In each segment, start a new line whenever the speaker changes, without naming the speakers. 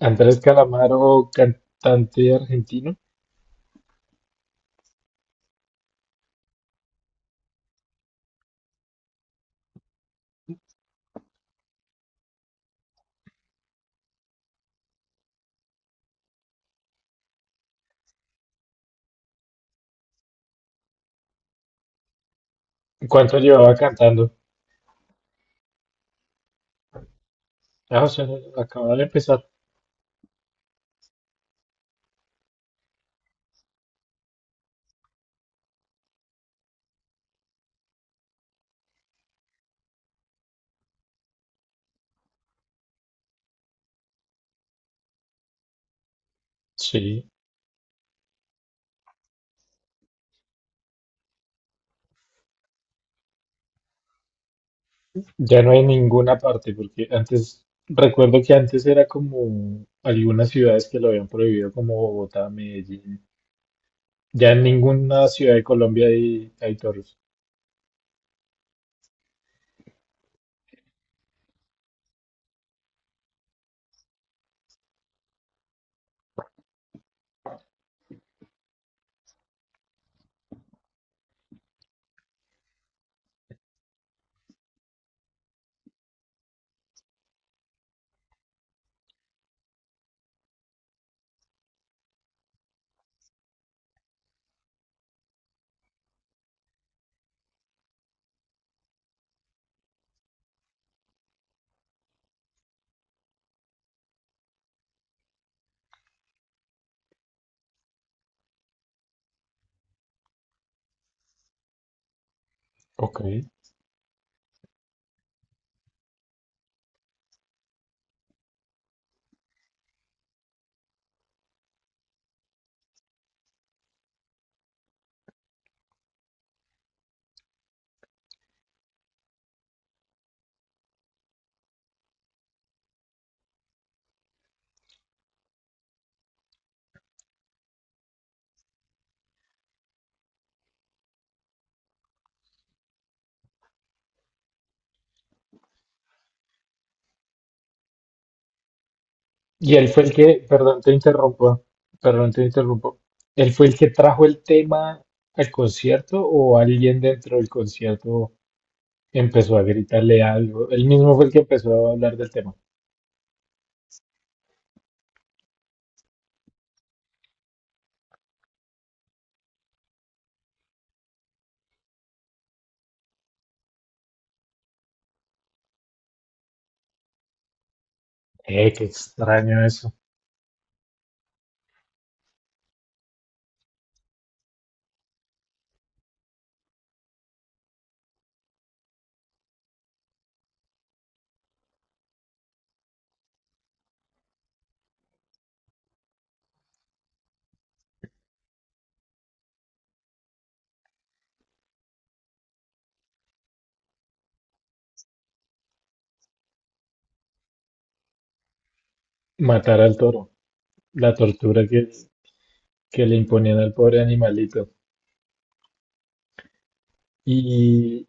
Andrés Calamaro, cantante argentino. ¿Cuánto llevaba cantando? Ah, o sea, acababa de empezar. Sí, ya no hay ninguna parte, porque antes, recuerdo que antes era como algunas ciudades que lo habían prohibido, como Bogotá, Medellín. Ya en ninguna ciudad de Colombia hay toros. Ok. Y él fue el que, perdón, te interrumpo. ¿Él fue el que trajo el tema al concierto o alguien dentro del concierto empezó a gritarle algo? Él mismo fue el que empezó a hablar del tema. Qué extraño eso. Matar al toro. La tortura que le imponían al pobre animalito. Y,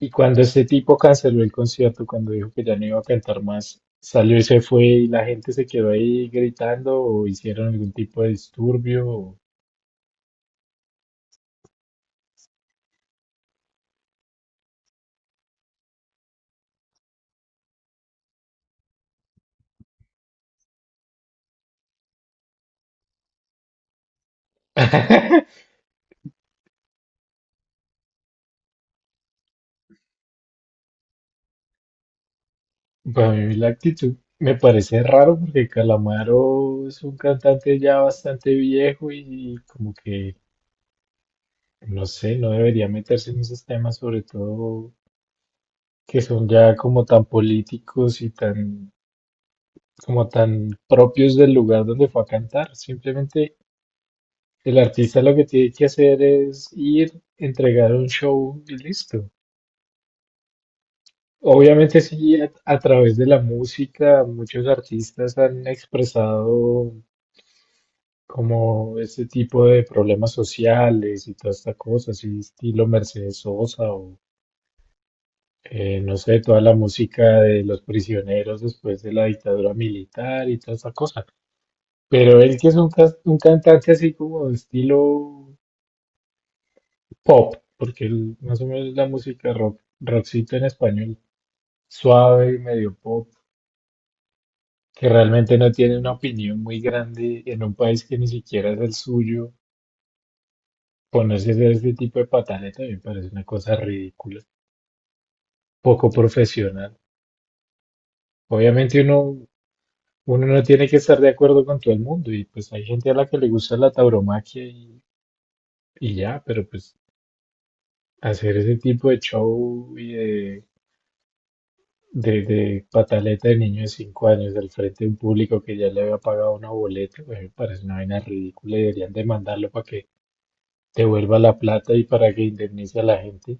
y cuando ese tipo canceló el concierto, cuando dijo que ya no iba a cantar más, salió y se fue y la gente se quedó ahí gritando o hicieron algún tipo de disturbio. Para mí la actitud me parece raro porque Calamaro es un cantante ya bastante viejo y como que no sé, no debería meterse en esos temas, sobre todo que son ya como tan políticos y tan, como tan propios del lugar donde fue a cantar. Simplemente el artista lo que tiene que hacer es ir, entregar un show y listo. Obviamente sí, a través de la música, muchos artistas han expresado como este tipo de problemas sociales y toda esta cosa, así estilo Mercedes Sosa o no sé, toda la música de los prisioneros después de la dictadura militar y toda esa cosa. Pero él que es un cantante así como de estilo pop, porque él, más o menos la música rock, rockcito en español, suave y medio pop, que realmente no tiene una opinión muy grande en un país que ni siquiera es el suyo. Ponerse a hacer este tipo de patada también parece una cosa ridícula, poco profesional. Obviamente uno no tiene que estar de acuerdo con todo el mundo y pues hay gente a la que le gusta la tauromaquia y ya, pero pues hacer ese tipo de show y de pataleta de niño de 5 años al frente de un público que ya le había pagado una boleta, pues, me parece una vaina ridícula y deberían demandarlo para que devuelva la plata y para que indemnice a la gente.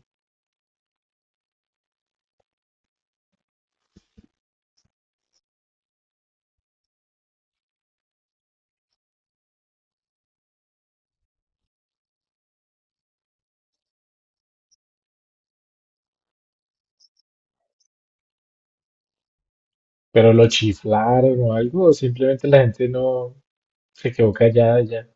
Pero lo chiflaron o algo, o simplemente la gente no se quedó callada ya.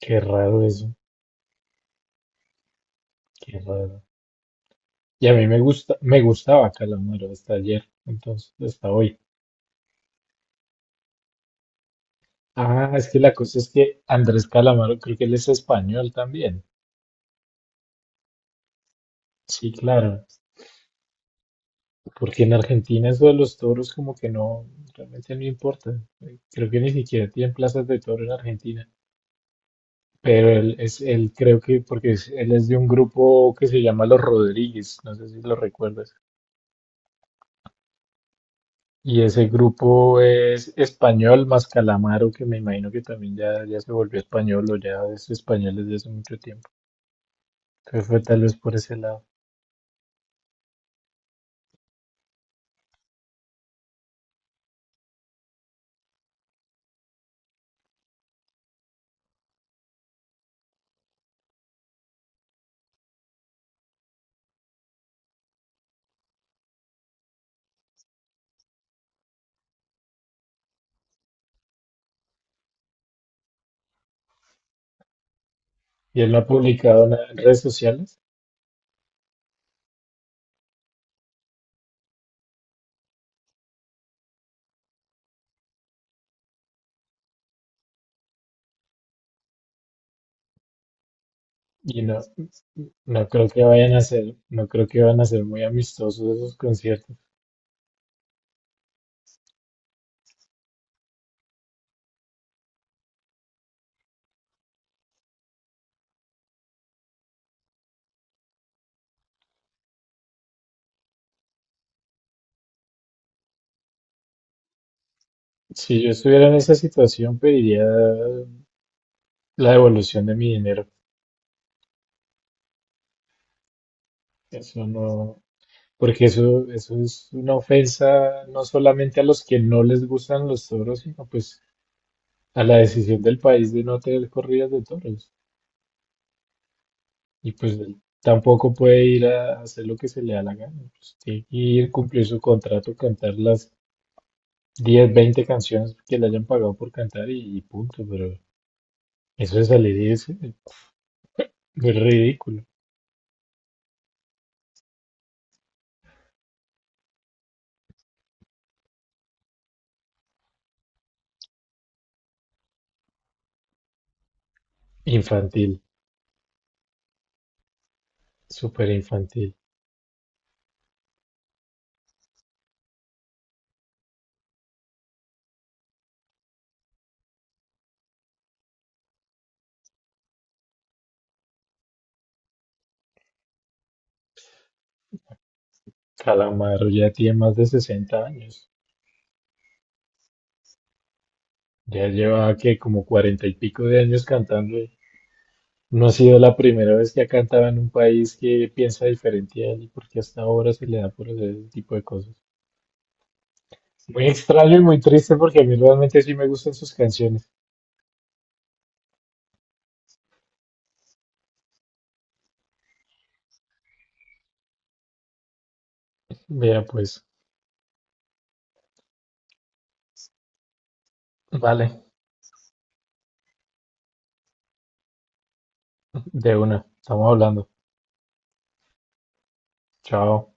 Qué raro eso, qué raro. Y a mí me gusta, me gustaba Calamaro hasta ayer, entonces, hasta hoy. Ah, es que la cosa es que Andrés Calamaro, creo que él es español también. Sí, claro, porque en Argentina eso de los toros como que no, realmente no importa. Creo que ni siquiera tienen plazas de toro en Argentina. Pero él es, él creo que, porque es- él es de un grupo que se llama Los Rodríguez, no sé si lo recuerdas. Y ese grupo es español más Calamaro, que me imagino que también ya se volvió español o ya es español desde hace mucho tiempo. Entonces fue tal vez por ese lado. Y él no ha publicado nada en redes sociales y no creo que van a ser muy amistosos esos conciertos. Si yo estuviera en esa situación, pediría la devolución de mi dinero. Eso no, porque eso es una ofensa no solamente a los que no les gustan los toros, sino pues a la decisión del país de no tener corridas de toros. Y pues él tampoco puede ir a hacer lo que se le da la gana. Pues, tiene que ir, cumplir su contrato, cantar las 10 20 canciones que le hayan pagado por cantar y punto. Pero eso de salir y es ridículo. Infantil, súper infantil. Calamaro ya tiene más de 60 años. Ya lleva que como 40 y pico de años cantando. No ha sido la primera vez que ha cantado en un país que piensa diferente a él y porque hasta ahora se le da por hacer ese tipo de cosas. Muy extraño y muy triste porque a mí realmente sí me gustan sus canciones. Mira, pues, vale, de una, estamos hablando. Chao.